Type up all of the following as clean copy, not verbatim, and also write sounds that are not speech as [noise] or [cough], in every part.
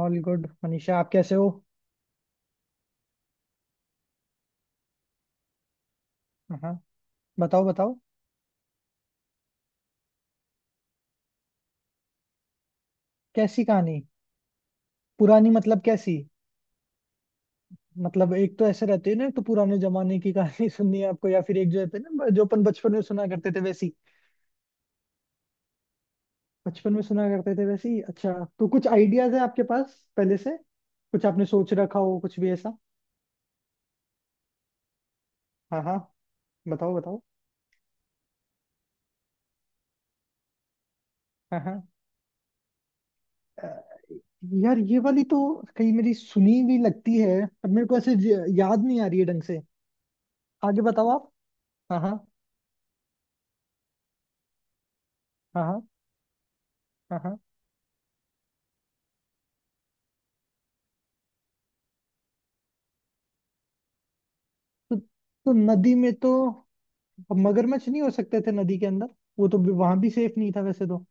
All good Manisha. आप कैसे हो? हाँ। बताओ बताओ। कैसी कहानी? पुरानी मतलब कैसी? मतलब एक तो ऐसे रहते हैं ना, एक तो पुराने जमाने की कहानी [laughs] सुननी है आपको, या फिर एक जो रहते हैं ना, जो अपन बचपन में सुना करते थे वैसी। बचपन में सुना करते थे वैसी। अच्छा। तो कुछ आइडियाज है आपके पास पहले से? कुछ आपने सोच रखा हो, कुछ भी ऐसा? हाँ हाँ। बताओ बताओ। हाँ हाँ। अ, यार ये वाली तो कहीं मेरी सुनी भी लगती है, पर मेरे को ऐसे याद नहीं आ रही है ढंग से। आगे बताओ आप। हाँ हाँ। हाँ हाँ हाँ। तो नदी में तो अब मगरमच्छ नहीं हो सकते थे नदी के अंदर। वो तो वहां भी सेफ नहीं था वैसे तो।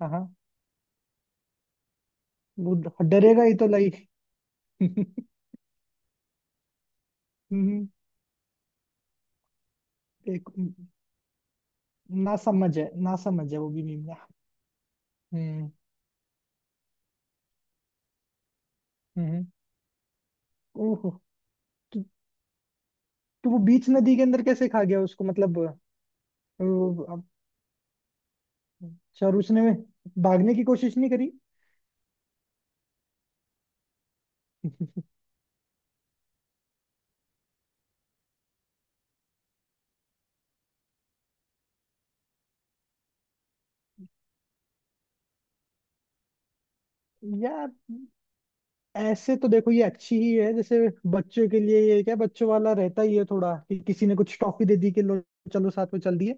हाँ। वो डरेगा ही तो, लाइक। [laughs] हम्म, एक ना समझ है, ना समझ है वो भी मीम। हम्म हम्म। ओहो। तो, तो वो बीच नदी के अंदर कैसे खा गया उसको? मतलब अब- अच्छा और उसने भागने की कोशिश नहीं करी? [laughs] यार ऐसे तो देखो ये अच्छी ही है, जैसे बच्चों के लिए ये क्या बच्चों वाला रहता ही है थोड़ा, कि किसी ने कुछ टॉफी दे दी कि लो चलो साथ में चल दिए।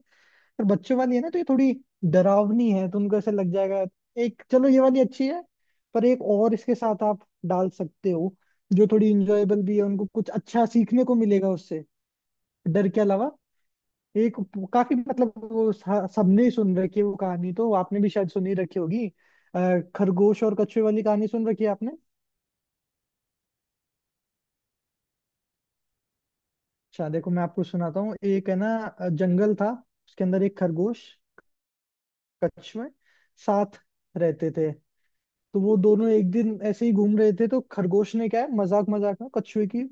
पर बच्चों वाली है ना, तो ये थोड़ी डरावनी है, तो उनको ऐसा लग जाएगा। एक चलो ये वाली अच्छी है। पर एक और इसके साथ आप डाल सकते हो, जो थोड़ी इंजॉयबल भी है, उनको कुछ अच्छा सीखने को मिलेगा उससे, डर के अलावा। एक काफी मतलब वो सबने ही सुन रखी है वो कहानी, तो आपने भी शायद सुनी रखी होगी। खरगोश और कछुए वाली कहानी सुन रखी है आपने? अच्छा देखो मैं आपको सुनाता हूँ, एक है ना, जंगल था, उसके अंदर एक खरगोश कछुए साथ रहते थे। तो वो दोनों एक दिन ऐसे ही घूम रहे थे, तो खरगोश ने क्या है मजाक मजाक में कछुए की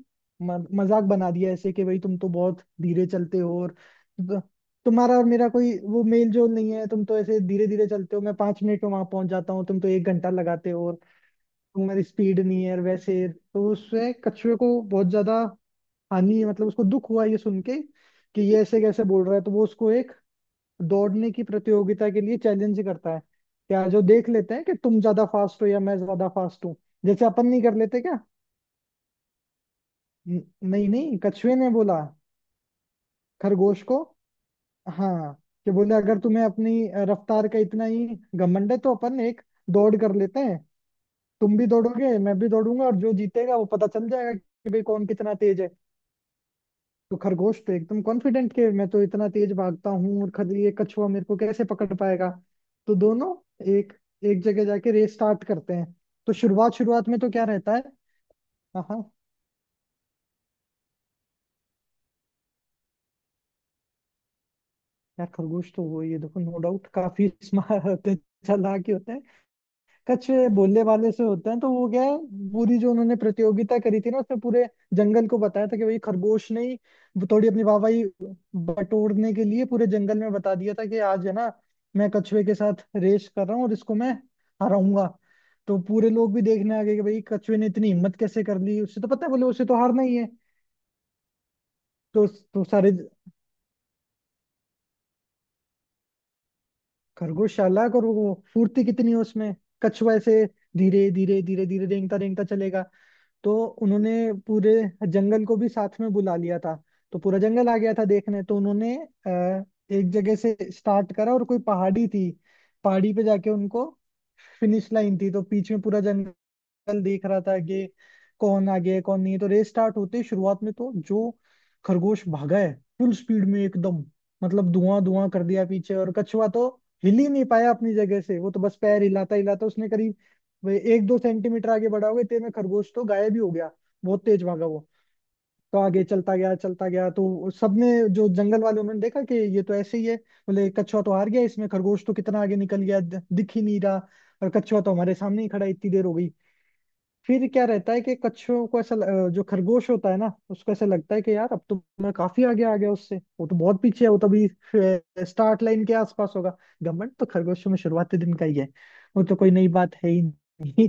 मजाक बना दिया ऐसे कि भाई, तुम तो बहुत धीरे चलते हो और तुम्हारा और मेरा कोई वो मेल जोल नहीं है, तुम तो ऐसे धीरे धीरे चलते हो, मैं 5 मिनट में वहां पहुंच जाता हूँ, तुम तो 1 घंटा लगाते हो, और तुम्हारी स्पीड नहीं है। और वैसे तो उससे कछुए को बहुत ज्यादा हानि, मतलब उसको दुख हुआ ये सुन के कि ये ऐसे कैसे बोल रहा है, तो वो उसको एक दौड़ने की प्रतियोगिता के लिए चैलेंज करता है। क्या जो देख लेते हैं कि तुम ज्यादा फास्ट हो या मैं ज्यादा फास्ट हूँ, जैसे अपन नहीं कर लेते क्या? न- नहीं नहीं, कछुए ने बोला खरगोश को। हाँ। कि बोले, अगर तुम्हें अपनी रफ्तार का इतना ही घमंड है तो अपन एक दौड़ कर लेते हैं। तुम भी दौड़ोगे, मैं भी दौड़ूंगा, और जो जीतेगा वो पता चल जाएगा कि भाई कौन कितना तेज है। तो खरगोश तो एकदम कॉन्फिडेंट के मैं तो इतना तेज भागता हूँ, और खद ये कछुआ मेरे को कैसे पकड़ पाएगा। तो दोनों एक एक जगह जाके रेस स्टार्ट करते हैं। तो शुरुआत शुरुआत में तो क्या रहता है। हाँ हाँ। यार खरगोश तो वो ये देखो, नो डाउट काफी [laughs] स्मार्ट होते हैं, चालाक ही होते हैं। कछुए बोलने वाले से होते हैं, तो वो क्या है, पूरी जो उन्होंने प्रतियोगिता करी थी ना, उसमें पूरे जंगल को बताया था कि भाई खरगोश ने ही वो थोड़ी अपनी वाहवाही बटोरने के लिए पूरे जंगल में बता दिया था कि आज है ना मैं कछुए के साथ रेस कर रहा हूँ और इसको मैं हराऊंगा। तो पूरे लोग भी देखने आ गए कि भाई कछुए ने इतनी हिम्मत कैसे कर ली, उससे तो पता है, बोले उसे तो हारना ही है। तो तो सारे खरगोश चालाक और वो फुर्ती कितनी है उसमें, कछुआ ऐसे धीरे धीरे धीरे धीरे रेंगता रेंगता चलेगा। तो उन्होंने पूरे जंगल को भी साथ में बुला लिया था। तो पूरा जंगल आ गया था देखने। तो उन्होंने एक जगह से स्टार्ट करा और कोई पहाड़ी थी, पहाड़ी पे जाके उनको फिनिश लाइन थी। तो बीच में पूरा जंगल कल देख रहा था कि कौन आगे है कौन नहीं है, तो रेस स्टार्ट होते ही शुरुआत में तो जो खरगोश भागा है फुल स्पीड में एकदम, मतलब धुआं धुआं कर दिया पीछे, और कछुआ तो हिल ही नहीं पाया अपनी जगह से। वो तो बस पैर हिलाता हिलाता उसने करीब वे एक दो सेंटीमीटर आगे बढ़ा होगा, इतने में खरगोश तो गायब ही हो गया। बहुत तेज भागा वो। तो आगे चलता गया चलता गया, तो सबने जो जंगल वाले उन्होंने देखा कि ये तो ऐसे ही है, बोले कछुआ तो हार गया इसमें, खरगोश तो कितना आगे निकल गया, दिख ही नहीं रहा, और कछुआ तो हमारे सामने ही खड़ा है, इतनी देर हो गई। फिर क्या रहता है कि कच्छुओं को ऐसा जो खरगोश होता है ना उसको ऐसा लगता है कि यार, अब तो मैं काफी आगे आ गया उससे, वो तो बहुत पीछे है, वो तो अभी स्टार्ट लाइन के आसपास होगा। घमंड तो खरगोशों में शुरुआती दिन का ही है, वो तो कोई नई बात है ही नहीं।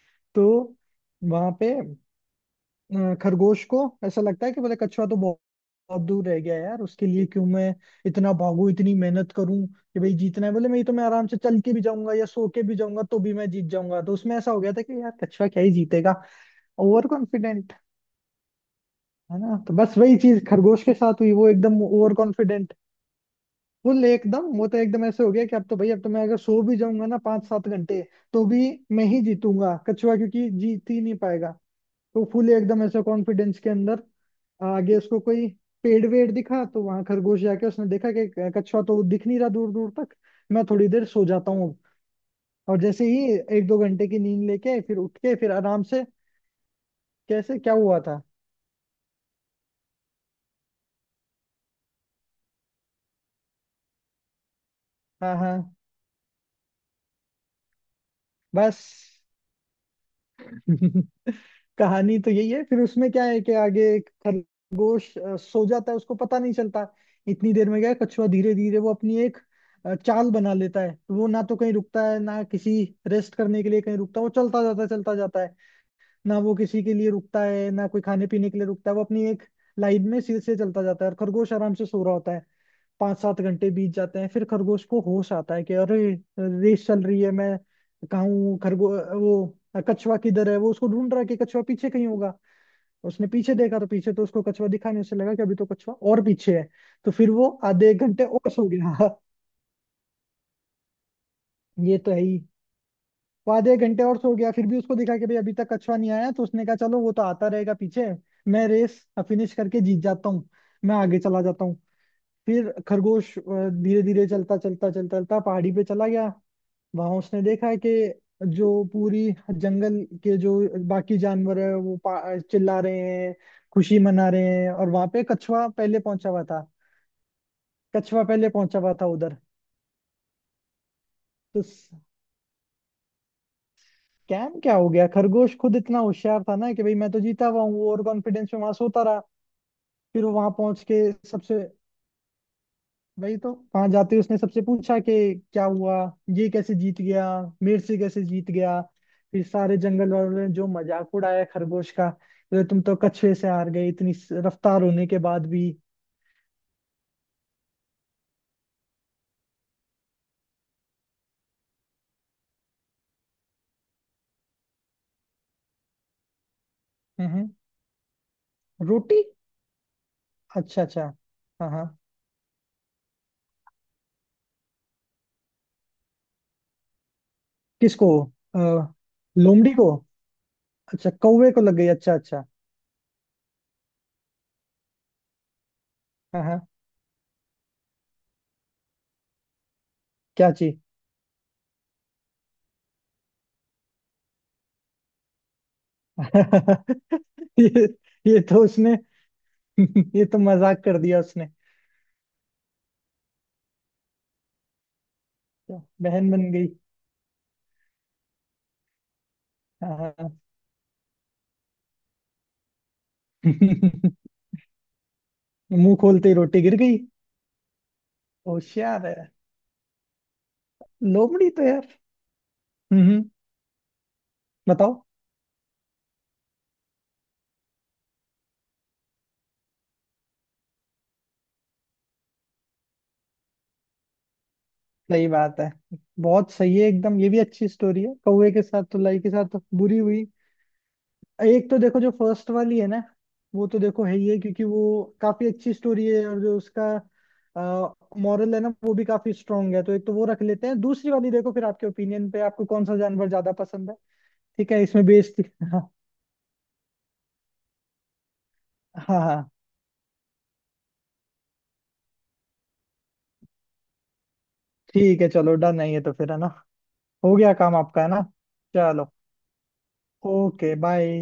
[laughs] तो वहां पे खरगोश को ऐसा लगता है कि बोले कछुआ तो बहुत बहुत दूर रह गया है यार, उसके लिए क्यों मैं इतना भागू, इतनी मेहनत करूं कि भाई जीतना है, बोले मैं तो मैं आराम से चल के भी जाऊंगा या सो के भी जाऊंगा तो भी मैं जीत जाऊंगा। तो उसमें ऐसा हो गया था कि यार कछुआ क्या ही जीतेगा। ओवर कॉन्फिडेंट है ना, तो बस वही चीज खरगोश के साथ हुई। वो एकदम ओवर कॉन्फिडेंट फुल एकदम, वो तो एकदम ऐसे हो गया कि अब तो भाई, अब तो मैं अगर सो भी जाऊंगा ना 5-7 घंटे, तो भी मैं ही जीतूंगा, कछुआ क्योंकि जीत ही नहीं पाएगा। तो फुल एकदम ऐसे कॉन्फिडेंस के अंदर आगे उसको कोई पेड़ वेड़ दिखा, तो वहां खरगोश जाके उसने देखा कि कछुआ तो दिख नहीं रहा दूर दूर तक, मैं थोड़ी देर सो जाता हूँ। और जैसे ही एक दो घंटे की नींद लेके फिर उठ के फिर आराम से, कैसे क्या हुआ था? हाँ हाँ। बस [laughs] कहानी तो यही है। फिर उसमें क्या है कि आगे एक खरगोश सो जाता है उसको पता नहीं चलता। इतनी देर में क्या है, कछुआ धीरे धीरे वो अपनी एक चाल बना लेता है, तो वो ना तो कहीं रुकता है, ना किसी रेस्ट करने के लिए कहीं रुकता है। वो चलता जाता है चलता जाता है, ना वो किसी के लिए रुकता है, ना कोई खाने पीने के लिए रुकता है। वो अपनी एक लाइन में सिर से चलता जाता है, और खरगोश आराम से सो रहा होता है। 5-7 घंटे बीत जाते हैं, फिर खरगोश को होश आता है कि अरे रेस चल रही है, मैं कहाँ हूँ? खरगो वो कछुआ किधर है, वो उसको ढूंढ रहा है कि कछुआ पीछे कहीं होगा। उसने पीछे देखा, तो पीछे तो उसको कछुआ दिखा नहीं। उसे लगा कि अभी तो कछुआ और पीछे है, तो फिर वो आधे एक घंटे और सो गया। [laughs] ये तो है ही। वो आधे एक घंटे और सो गया, फिर भी उसको दिखा कि भाई अभी तक कछुआ नहीं आया, तो उसने कहा चलो वो तो आता रहेगा पीछे, मैं रेस फिनिश करके जीत जाता हूँ, मैं आगे चला जाता हूँ। फिर खरगोश धीरे धीरे चलता चलता चलता चलता पहाड़ी पे चला गया। वहां उसने देखा है कि जो पूरी जंगल के जो बाकी जानवर है वो चिल्ला रहे हैं, खुशी मना रहे हैं, और वहां पे कछुआ पहले पहुंचा हुआ था। कछुआ पहले पहुंचा हुआ था उधर। तो स्कैम क्या हो गया, खरगोश खुद इतना होशियार था ना कि भाई मैं तो जीता हुआ हूँ, और कॉन्फिडेंस में वहां सोता रहा। फिर वो वहां पहुंच के सबसे, वही तो, वहां जाते ही उसने सबसे पूछा कि क्या हुआ, ये कैसे जीत गया, मेरे से कैसे जीत गया। फिर सारे जंगल वालों ने जो मजाक उड़ाया खरगोश का, बोले तुम तो कछुए से हार गए इतनी रफ्तार होने के बाद भी। हम्म। रोटी। अच्छा अच्छा। हाँ हाँ। किसको? अ, लोमड़ी को? अच्छा कौवे को लग गई। अच्छा अच्छा। हाँ हाँ। क्या चीज? [laughs] ये ये तो उसने [laughs] ये तो मजाक कर दिया उसने। बहन बन गई। हाँ हाँ। [laughs] मुंह खोलते ही रोटी गिर गई। होशियार है। लोमड़ी तो यार। हम्म। बताओ। सही बात है। बहुत सही है एकदम। ये भी अच्छी स्टोरी है, कौवे के साथ तो, लाई के साथ तो बुरी हुई। एक तो देखो जो फर्स्ट वाली है ना, वो तो देखो है ही है, क्योंकि वो काफी अच्छी स्टोरी है और जो उसका मॉरल है ना वो भी काफी स्ट्रांग है, तो एक तो वो रख लेते हैं। दूसरी वाली देखो फिर आपके ओपिनियन पे, आपको कौन सा जानवर ज्यादा पसंद है। ठीक है इसमें बेस्ट। [laughs] हाँ। हाँ हाँ। ठीक है चलो डन है ये तो फिर, है ना? हो गया काम आपका, है ना? चलो, ओके, बाय।